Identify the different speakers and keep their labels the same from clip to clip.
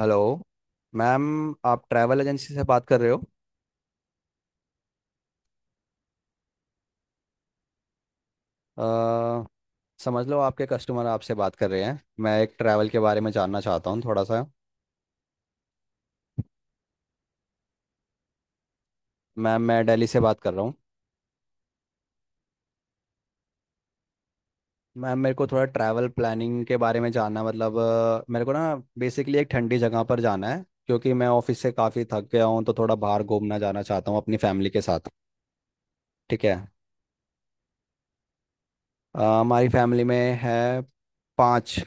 Speaker 1: Hello ma'am, आप travel agency से बात कर रहे हो। अ, समझ लो आपके कस्टमर आपसे बात कर रहे हैं। मैं एक ट्रैवल के बारे में जानना चाहता हूँ थोड़ा सा। मैम, मैं दिल्ली से बात कर रहा हूँ। मैम, मेरे को थोड़ा ट्रैवल प्लानिंग के बारे में जानना, मतलब मेरे को ना बेसिकली एक ठंडी जगह पर जाना है, क्योंकि मैं ऑफिस से काफ़ी थक गया हूँ, तो थोड़ा बाहर घूमना जाना चाहता हूँ अपनी फैमिली के साथ। ठीक है। हमारी फैमिली में है पाँच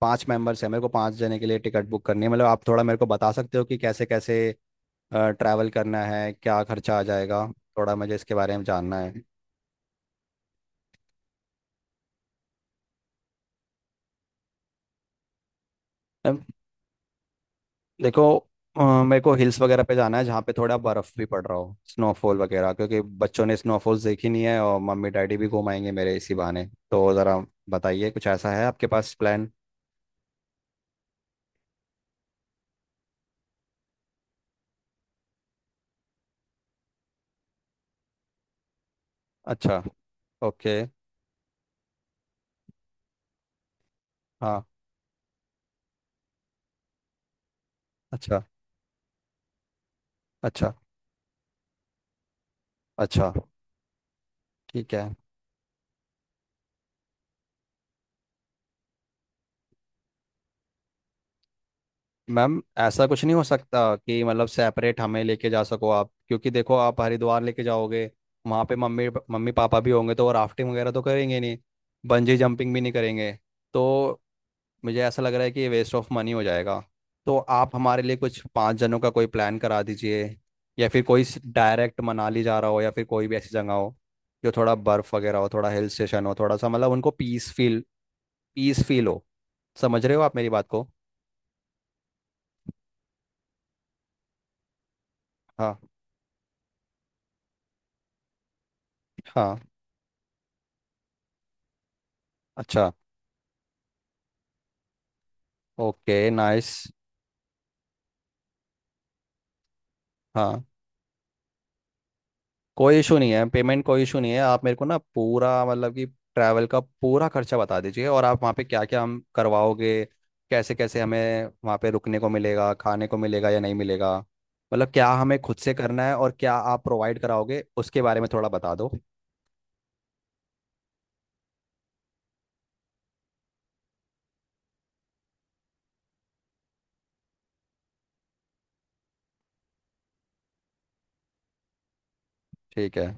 Speaker 1: पांच मेंबर्स हैं, मेरे को पांच जने के लिए टिकट बुक करनी है। मतलब आप थोड़ा मेरे को बता सकते हो कि कैसे कैसे ट्रैवल करना है, क्या खर्चा आ जाएगा। थोड़ा मुझे इसके बारे में जानना है। अम, देखो, मेरे को हिल्स वगैरह पे जाना है, जहाँ पे थोड़ा बर्फ़ भी पड़ रहा हो, स्नोफॉल वगैरह, क्योंकि बच्चों ने स्नोफॉल्स देखी नहीं है, और मम्मी डैडी भी घुमाएंगे मेरे इसी बहाने। तो ज़रा बताइए, कुछ ऐसा है आपके पास प्लान? अच्छा। ओके। हाँ। अच्छा। अच्छा, अच्छा। ठीक है। मैम, ऐसा कुछ नहीं हो सकता कि मतलब सेपरेट हमें लेके जा सको आप? क्योंकि देखो, आप हरिद्वार लेके जाओगे, वहाँ पे मम्मी मम्मी पापा भी होंगे, तो वो राफ्टिंग वगैरह तो करेंगे नहीं, बंजी जंपिंग भी नहीं करेंगे। तो मुझे ऐसा लग रहा है कि ये वेस्ट ऑफ मनी हो जाएगा। तो आप हमारे लिए कुछ पाँच जनों का कोई प्लान करा दीजिए, या फिर कोई डायरेक्ट मनाली जा रहा हो, या फिर कोई भी ऐसी जगह हो जो थोड़ा बर्फ़ वगैरह हो, थोड़ा हिल स्टेशन हो, थोड़ा सा मतलब उनको पीस फील, पीस फील हो। समझ रहे हो आप मेरी बात को? हाँ, हाँ। अच्छा। Okay, nice. हाँ, कोई इशू नहीं है, पेमेंट कोई इशू नहीं है। आप मेरे को ना पूरा, मतलब कि ट्रैवल का पूरा खर्चा बता दीजिए, और आप वहाँ पे क्या क्या हम करवाओगे, कैसे कैसे हमें वहाँ पे रुकने को मिलेगा, खाने को मिलेगा या नहीं मिलेगा, मतलब क्या हमें खुद से करना है और क्या आप प्रोवाइड कराओगे, उसके बारे में थोड़ा बता दो। ठीक है।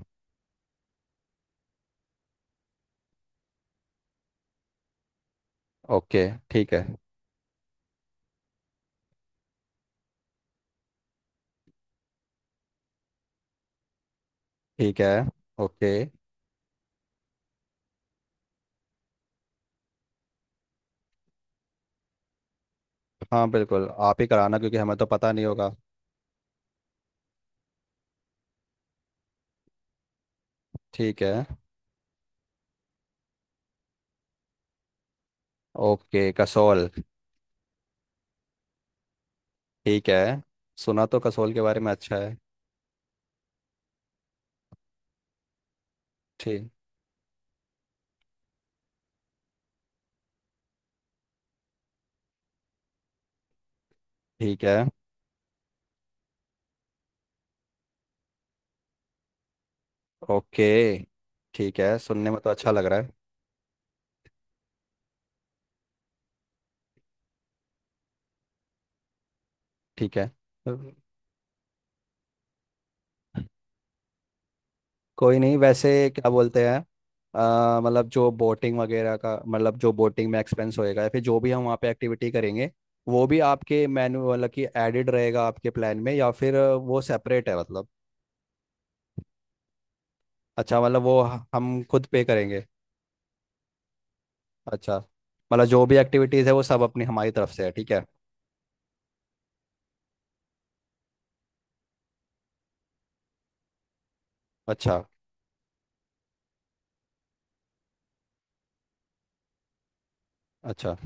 Speaker 1: ओके, ठीक है। ठीक है। ओके। हाँ बिल्कुल, आप ही कराना, क्योंकि हमें तो पता नहीं होगा। ठीक है। ओके, कसौल। ठीक है। सुना तो कसौल के बारे में अच्छा है। ठीक। ठीक है। ओके, ठीक है, सुनने में तो अच्छा लग रहा है। ठीक है। कोई नहीं, वैसे क्या बोलते हैं, मतलब जो बोटिंग वगैरह का, मतलब जो बोटिंग में एक्सपेंस होएगा या फिर जो भी हम वहाँ पे एक्टिविटी करेंगे, वो भी आपके मेन्यू, मतलब कि एडेड रहेगा आपके प्लान में, या फिर वो सेपरेट है मतलब? अच्छा, मतलब वो हम खुद पे करेंगे। अच्छा, मतलब जो भी एक्टिविटीज़ है वो सब अपनी, हमारी तरफ से है, ठीक है। अच्छा। अच्छा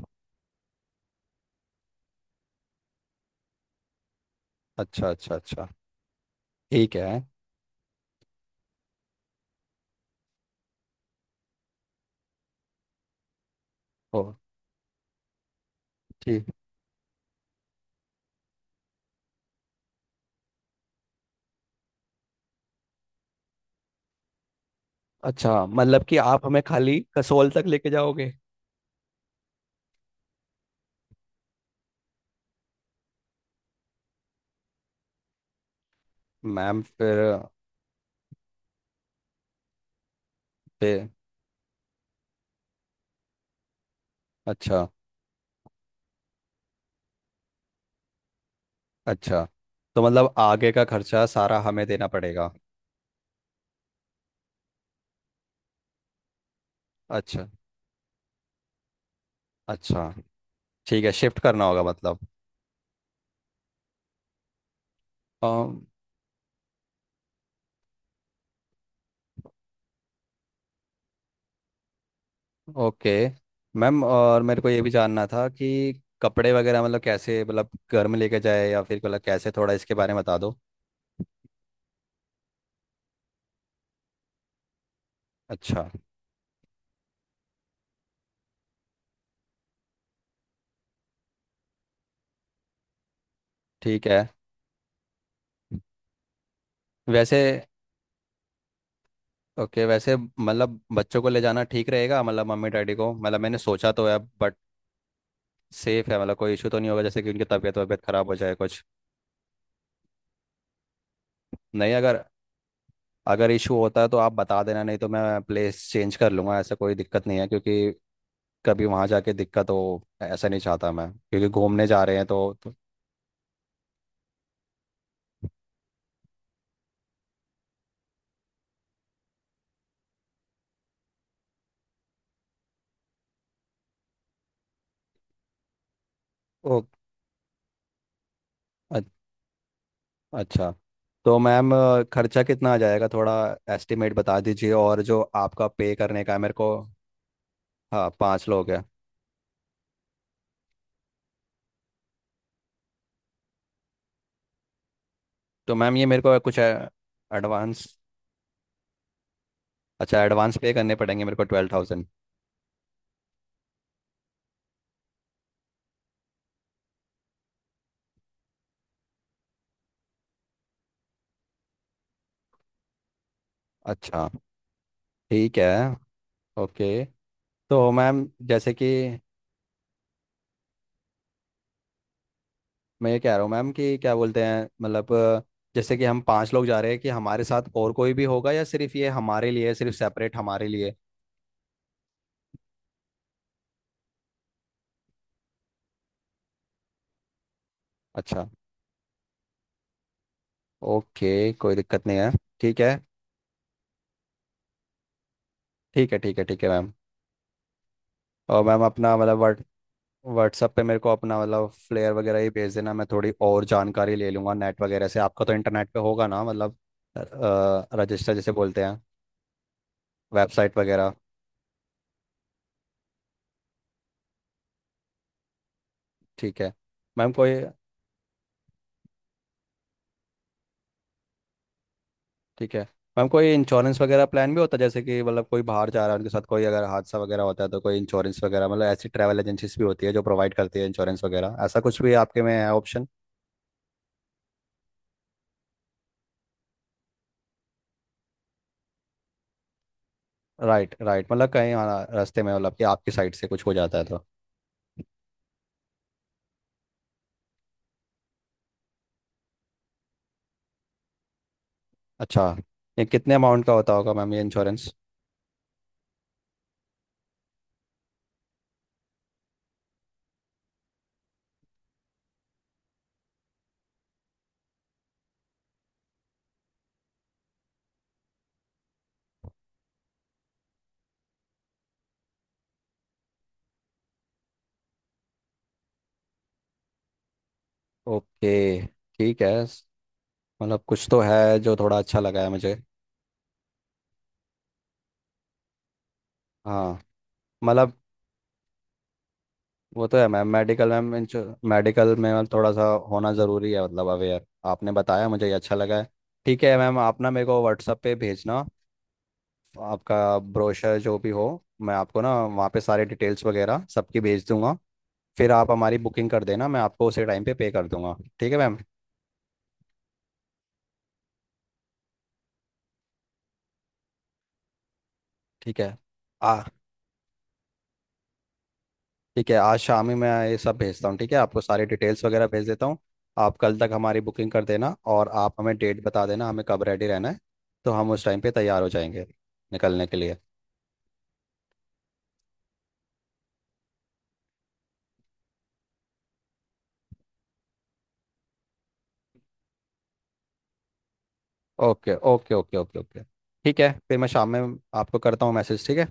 Speaker 1: अच्छा अच्छा। अच्छा। ठीक है। ओ। ठीक। अच्छा, मतलब कि आप हमें खाली कसोल तक लेके जाओगे। मैम, फिर पे, अच्छा, अच्छा। तो मतलब आगे का खर्चा सारा हमें देना पड़ेगा? अच्छा। अच्छा, ठीक है, शिफ्ट करना होगा मतलब। अम, ओके, मैम और मेरे को ये भी जानना था कि कपड़े वगैरह, मतलब कैसे, मतलब घर में लेके जाए या फिर, मतलब कैसे, थोड़ा इसके बारे में बता दो। अच्छा। ठीक है। वैसे, ओके। वैसे, मतलब बच्चों को ले जाना ठीक रहेगा, मतलब मम्मी डैडी को, मतलब मैंने सोचा तो है, बट सेफ है मतलब? कोई इशू तो नहीं होगा जैसे कि उनकी तबीयत वबीयत खराब हो जाए कुछ? नहीं, अगर, अगर इशू होता है तो आप बता देना, नहीं तो मैं प्लेस चेंज कर लूंगा, ऐसा कोई दिक्कत नहीं है। क्योंकि कभी वहां जाके दिक्कत हो, ऐसा नहीं चाहता मैं, क्योंकि घूमने जा रहे हैं तो। ओ, अ- अच्छा। तो मैम, खर्चा कितना आ जाएगा, थोड़ा एस्टिमेट बता दीजिए, और जो आपका पे करने का है मेरे को। हाँ, पाँच लोग हैं। तो मैम, ये मेरे को कुछ एडवांस, अच्छा, एडवांस पे करने पड़ेंगे मेरे को 12,000? अच्छा। ठीक है, ओके। तो मैम, जैसे कि, मैं ये कह रहा हूँ मैम, कि क्या बोलते हैं, मतलब जैसे कि हम पांच लोग जा रहे हैं, कि हमारे साथ और कोई भी होगा, या सिर्फ ये हमारे लिए है, सिर्फ सेपरेट हमारे लिए? अच्छा। ओके, कोई दिक्कत नहीं है। ठीक है। ठीक है, ठीक है। ठीक है मैम। और मैम, अपना, मतलब व्हाट्सअप पे मेरे को अपना मतलब फ्लेयर वगैरह ही भेज देना। मैं थोड़ी और जानकारी ले लूँगा नेट वगैरह से। आपका तो इंटरनेट पे होगा ना, मतलब रजिस्टर जैसे बोलते हैं, वेबसाइट वगैरह? ठीक है। मैम कोई, ठीक है मैम, कोई इंश्योरेंस वगैरह प्लान भी होता है? जैसे कि मतलब कोई बाहर जा रहा है, उनके साथ कोई अगर हादसा वगैरह होता है, तो कोई इंश्योरेंस वगैरह, मतलब ऐसी ट्रैवल एजेंसीज भी होती है जो प्रोवाइड करती है इंश्योरेंस वगैरह, ऐसा कुछ भी आपके में है ऑप्शन? राइट, राइट, मतलब कहीं, हाँ, रास्ते में, मतलब कि आपकी साइड से कुछ हो जाता है तो? अच्छा, ये कितने अमाउंट का होता होगा मैम ये इंश्योरेंस? ओके। ठीक है। मतलब कुछ तो है जो थोड़ा अच्छा लगा है मुझे। हाँ, मतलब वो तो है मैम, मेडिकल, मैम मेडिकल में मैम थोड़ा सा होना ज़रूरी है, मतलब अवेयर, आपने बताया मुझे, ये अच्छा लगा है। ठीक है मैम, आप ना मेरे को व्हाट्सअप पे भेजना आपका ब्रोशर, जो भी हो। मैं आपको ना वहाँ पे सारे डिटेल्स वगैरह सबकी भेज दूंगा, फिर आप हमारी बुकिंग कर देना, मैं आपको उसी टाइम पे पे कर दूंगा, ठीक है मैम? ठीक है। आ, ठीक है, आज शाम ही मैं ये सब भेजता हूँ, ठीक है? आपको सारी डिटेल्स वगैरह भेज देता हूँ। आप कल तक हमारी बुकिंग कर देना, और आप हमें डेट बता देना हमें कब रेडी रहना है, तो हम उस टाइम पे तैयार हो जाएंगे निकलने के लिए। Okay, okay, okay, okay, okay. ठीक है, फिर मैं शाम में आपको करता हूँ मैसेज, ठीक है?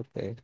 Speaker 1: ओके।